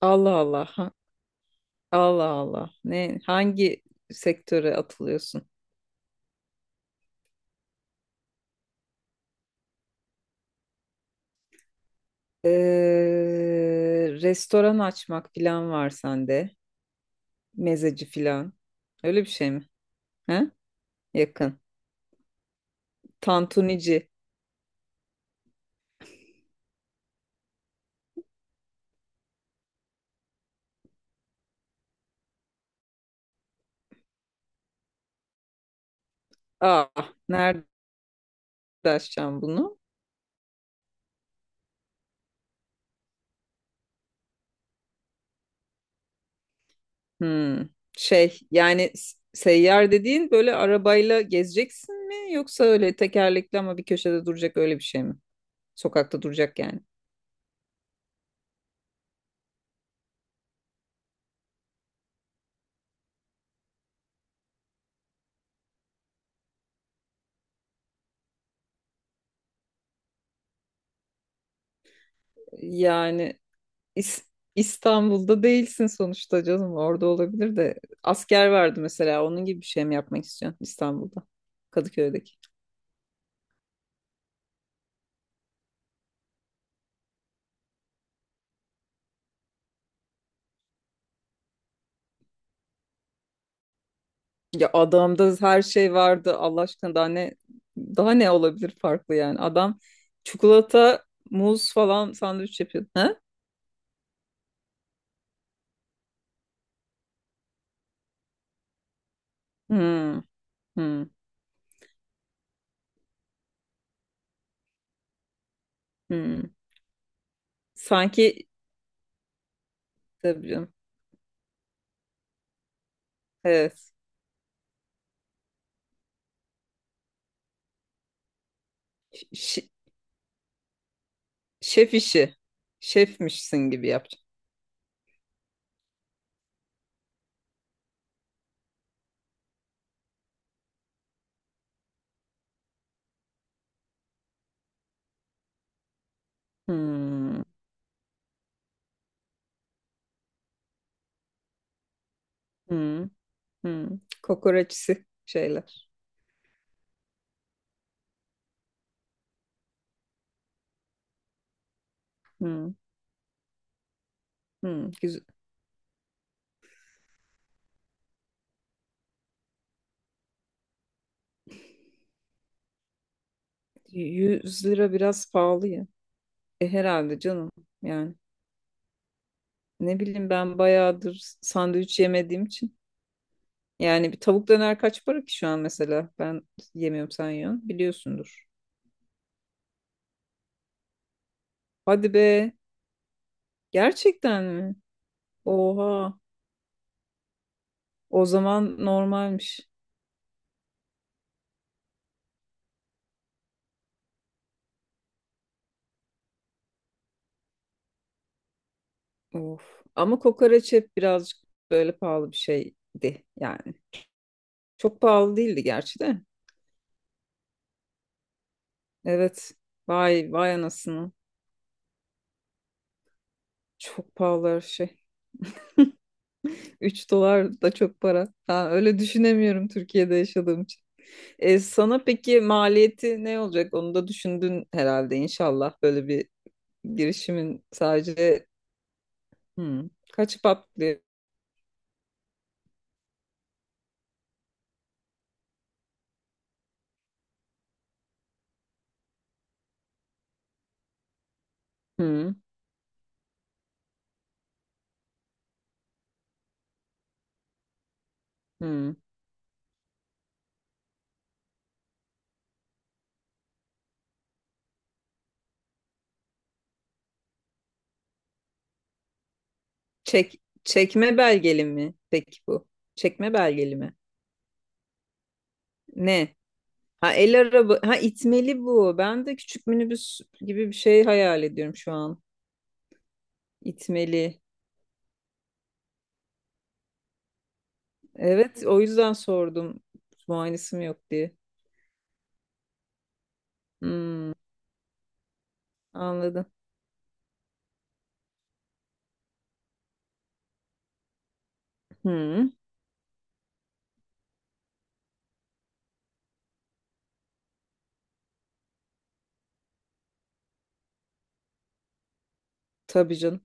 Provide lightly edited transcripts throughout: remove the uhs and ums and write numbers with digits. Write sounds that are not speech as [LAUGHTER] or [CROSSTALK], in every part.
Allah Allah. Allah Allah. Ne hangi sektöre atılıyorsun? Restoran açmak falan var sende. Mezeci falan. Öyle bir şey mi? He? Yakın. Tantunici. Ah, nerede açacağım bunu? Hmm. Şey yani seyyar dediğin böyle arabayla gezeceksin mi? Yoksa öyle tekerlekli ama bir köşede duracak öyle bir şey mi? Sokakta duracak yani. Yani İs- İstanbul'da değilsin sonuçta canım. Orada olabilir de. Asker vardı mesela. Onun gibi bir şey mi yapmak istiyorsun İstanbul'da? Kadıköy'deki. Ya adamda her şey vardı. Allah aşkına daha ne olabilir farklı yani. Adam çikolata, muz falan sandviç yapıyordu. Ha? Hmm, hmm, hmm. Sanki. Tabii canım. Evet. Ş- şef işi. Şefmişsin gibi yapacağım. Hmm, hmm, hmm. Kokoreçsi şeyler. Hmm, hmm. Güzel. 100 lira biraz pahalı ya. E herhalde canım. Yani ne bileyim ben bayağıdır sandviç yemediğim için. Yani bir tavuk döner kaç para ki şu an mesela? Ben yemiyorum, sen yiyorsun. Biliyorsundur. Hadi be. Gerçekten mi? Oha. O zaman normalmiş. Of. Ama kokoreç hep birazcık böyle pahalı bir şeydi yani. Çok pahalı değildi gerçi de. Evet. Vay vay anasını. Çok pahalı her şey. [LAUGHS] 3 dolar da çok para. Ha, öyle düşünemiyorum Türkiye'de yaşadığım için. E, sana peki maliyeti ne olacak? Onu da düşündün herhalde inşallah böyle bir girişimin sadece kaç farklı hmm, hmm. Çek, çekme belgeli mi? Peki bu. Çekme belgeli mi? Ne? Ha el araba, ha itmeli bu. Ben de küçük minibüs gibi bir şey hayal ediyorum şu an. İtmeli. Evet, o yüzden sordum. Muayenesi mi yok diye. Hmm, Anladım. Hmm, tabii canım.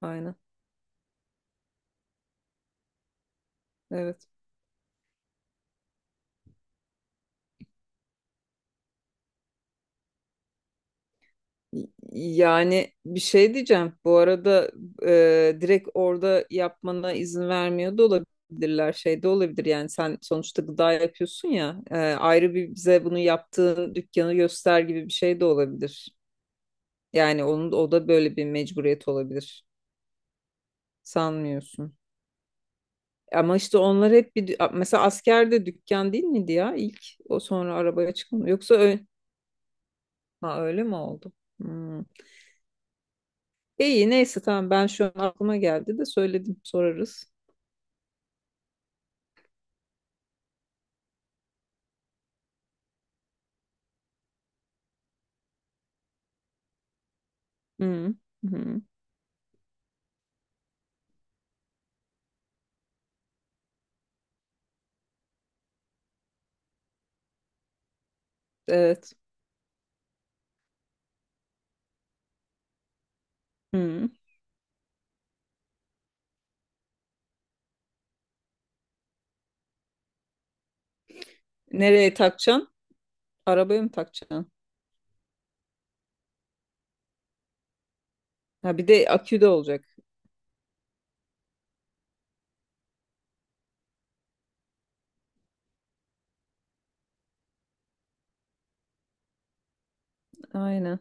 Aynen. Evet. Yani bir şey diyeceğim. Bu arada direkt orada yapmana izin vermiyor da olabilirler. Şey de olabilir yani sen sonuçta gıda yapıyorsun ya. Ayrı bir bize bunu yaptığın dükkanı göster gibi bir şey de olabilir. Yani onun o da böyle bir mecburiyet olabilir. Sanmıyorsun. Ama işte onlar hep bir mesela askerde dükkan değil miydi ya ilk o sonra arabaya çıkmadı. Yoksa öyle, ha, öyle mi oldu? Hmm. E, İyi neyse tamam ben şu an aklıma geldi de söyledim, sorarız. Hı hı. Evet. Hı. Nereye takacaksın? Arabaya mı takacaksın? Ha bir de akü de olacak. Aynen.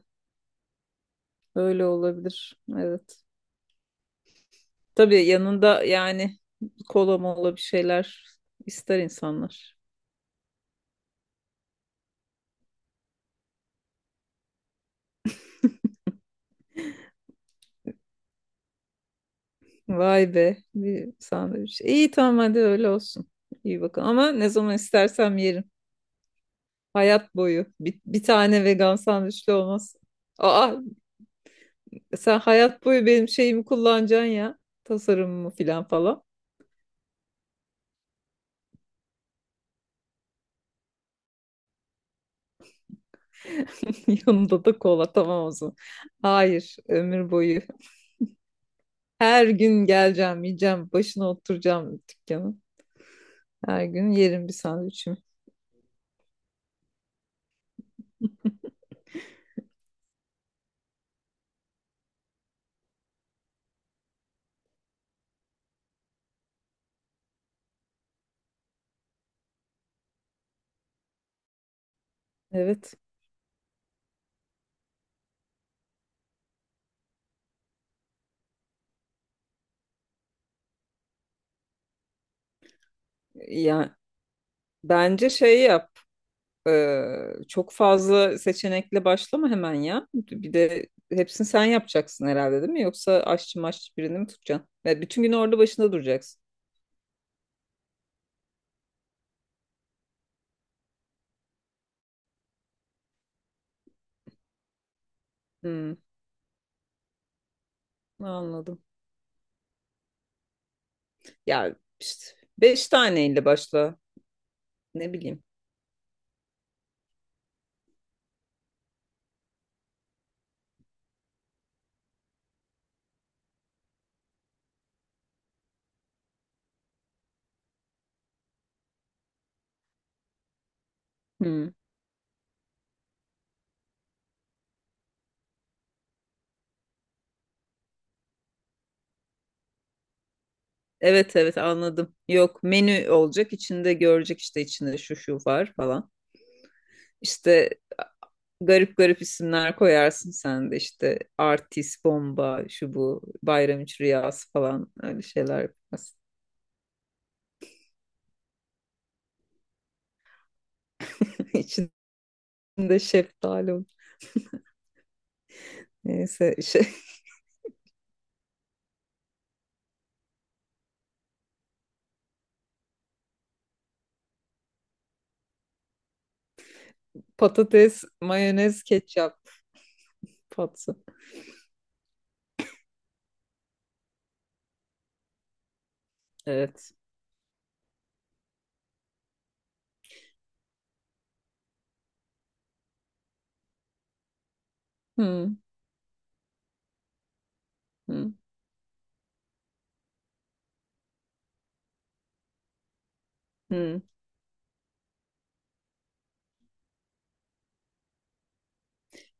Öyle olabilir. Evet. Tabii yanında yani kola mola bir şeyler ister insanlar. Vay be. Bir sandviç. İyi, tamam, hadi öyle olsun. İyi bakın. Ama ne zaman istersem yerim. Hayat boyu. Bir tane vegan sandviçli olmaz. Aa, sen hayat boyu benim şeyimi kullanacaksın ya. Tasarımımı filan falan. [LAUGHS] Yanında da kola tamam olsun. Hayır, ömür boyu. Her gün geleceğim, yiyeceğim, başına oturacağım dükkanın. Her gün yerim bir sandviçimi. Evet. Yani bence şey yap. Çok fazla seçenekle başlama hemen ya. Bir de hepsini sen yapacaksın herhalde değil mi? Yoksa aşçı maşçı birini mi tutacaksın? Ve bütün gün orada başında duracaksın. Hmm, Anladım. Ya işte beş taneyle başla. Ne bileyim. Hmm. Evet, evet, anladım. Yok, menü olacak içinde görecek işte içinde şu şu var falan. İşte garip garip isimler koyarsın sen de, işte artist, bomba, şu bu, bayram üç rüyası falan, öyle şeyler yaparsın. [LAUGHS] İçinde şeftali olur. Neyse şey, [LAUGHS] patates, mayonez, ketçap, patsı. Evet. Hmm, hmm, hmm.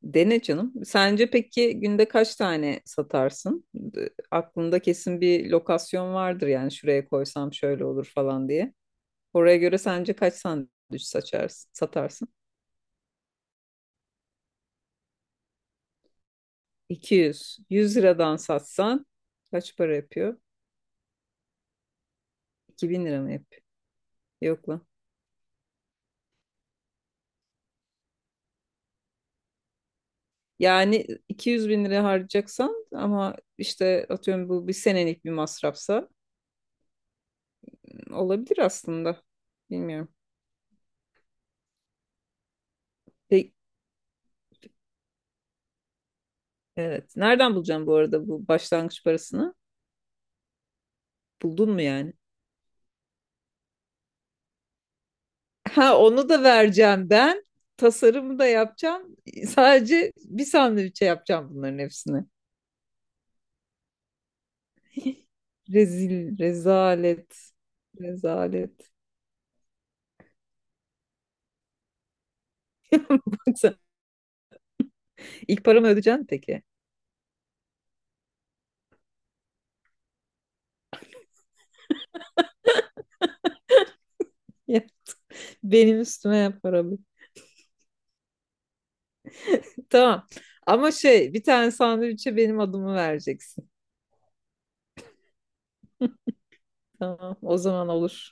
Dene canım. Sence peki günde kaç tane satarsın? Aklında kesin bir lokasyon vardır yani şuraya koysam şöyle olur falan diye. Oraya göre sence kaç sandviç saçarsın, satarsın? 200. 100 liradan satsan kaç para yapıyor? 2000 lira mı yapıyor? Yok lan. Yani 200 bin lira harcayacaksan ama işte atıyorum bu bir senelik bir masrafsa olabilir aslında. Bilmiyorum. Peki, evet. Nereden bulacağım bu arada bu başlangıç parasını? Buldun mu yani? [LAUGHS] Ha, onu da vereceğim ben. Tasarımı da yapacağım. Sadece bir sandviçe yapacağım bunların hepsini. [LAUGHS] Rezil, rezalet, rezalet. [LAUGHS] Yoksa ilk paramı ödeyeceksin peki. [LAUGHS] Ya, benim üstüme yap paramı. Tamam. Ama şey bir tane sandviçe benim adımı vereceksin. Tamam, o zaman olur.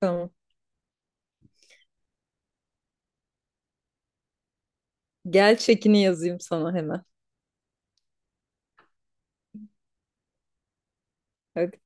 Tamam. Gel çekini yazayım sana hemen. Hadi.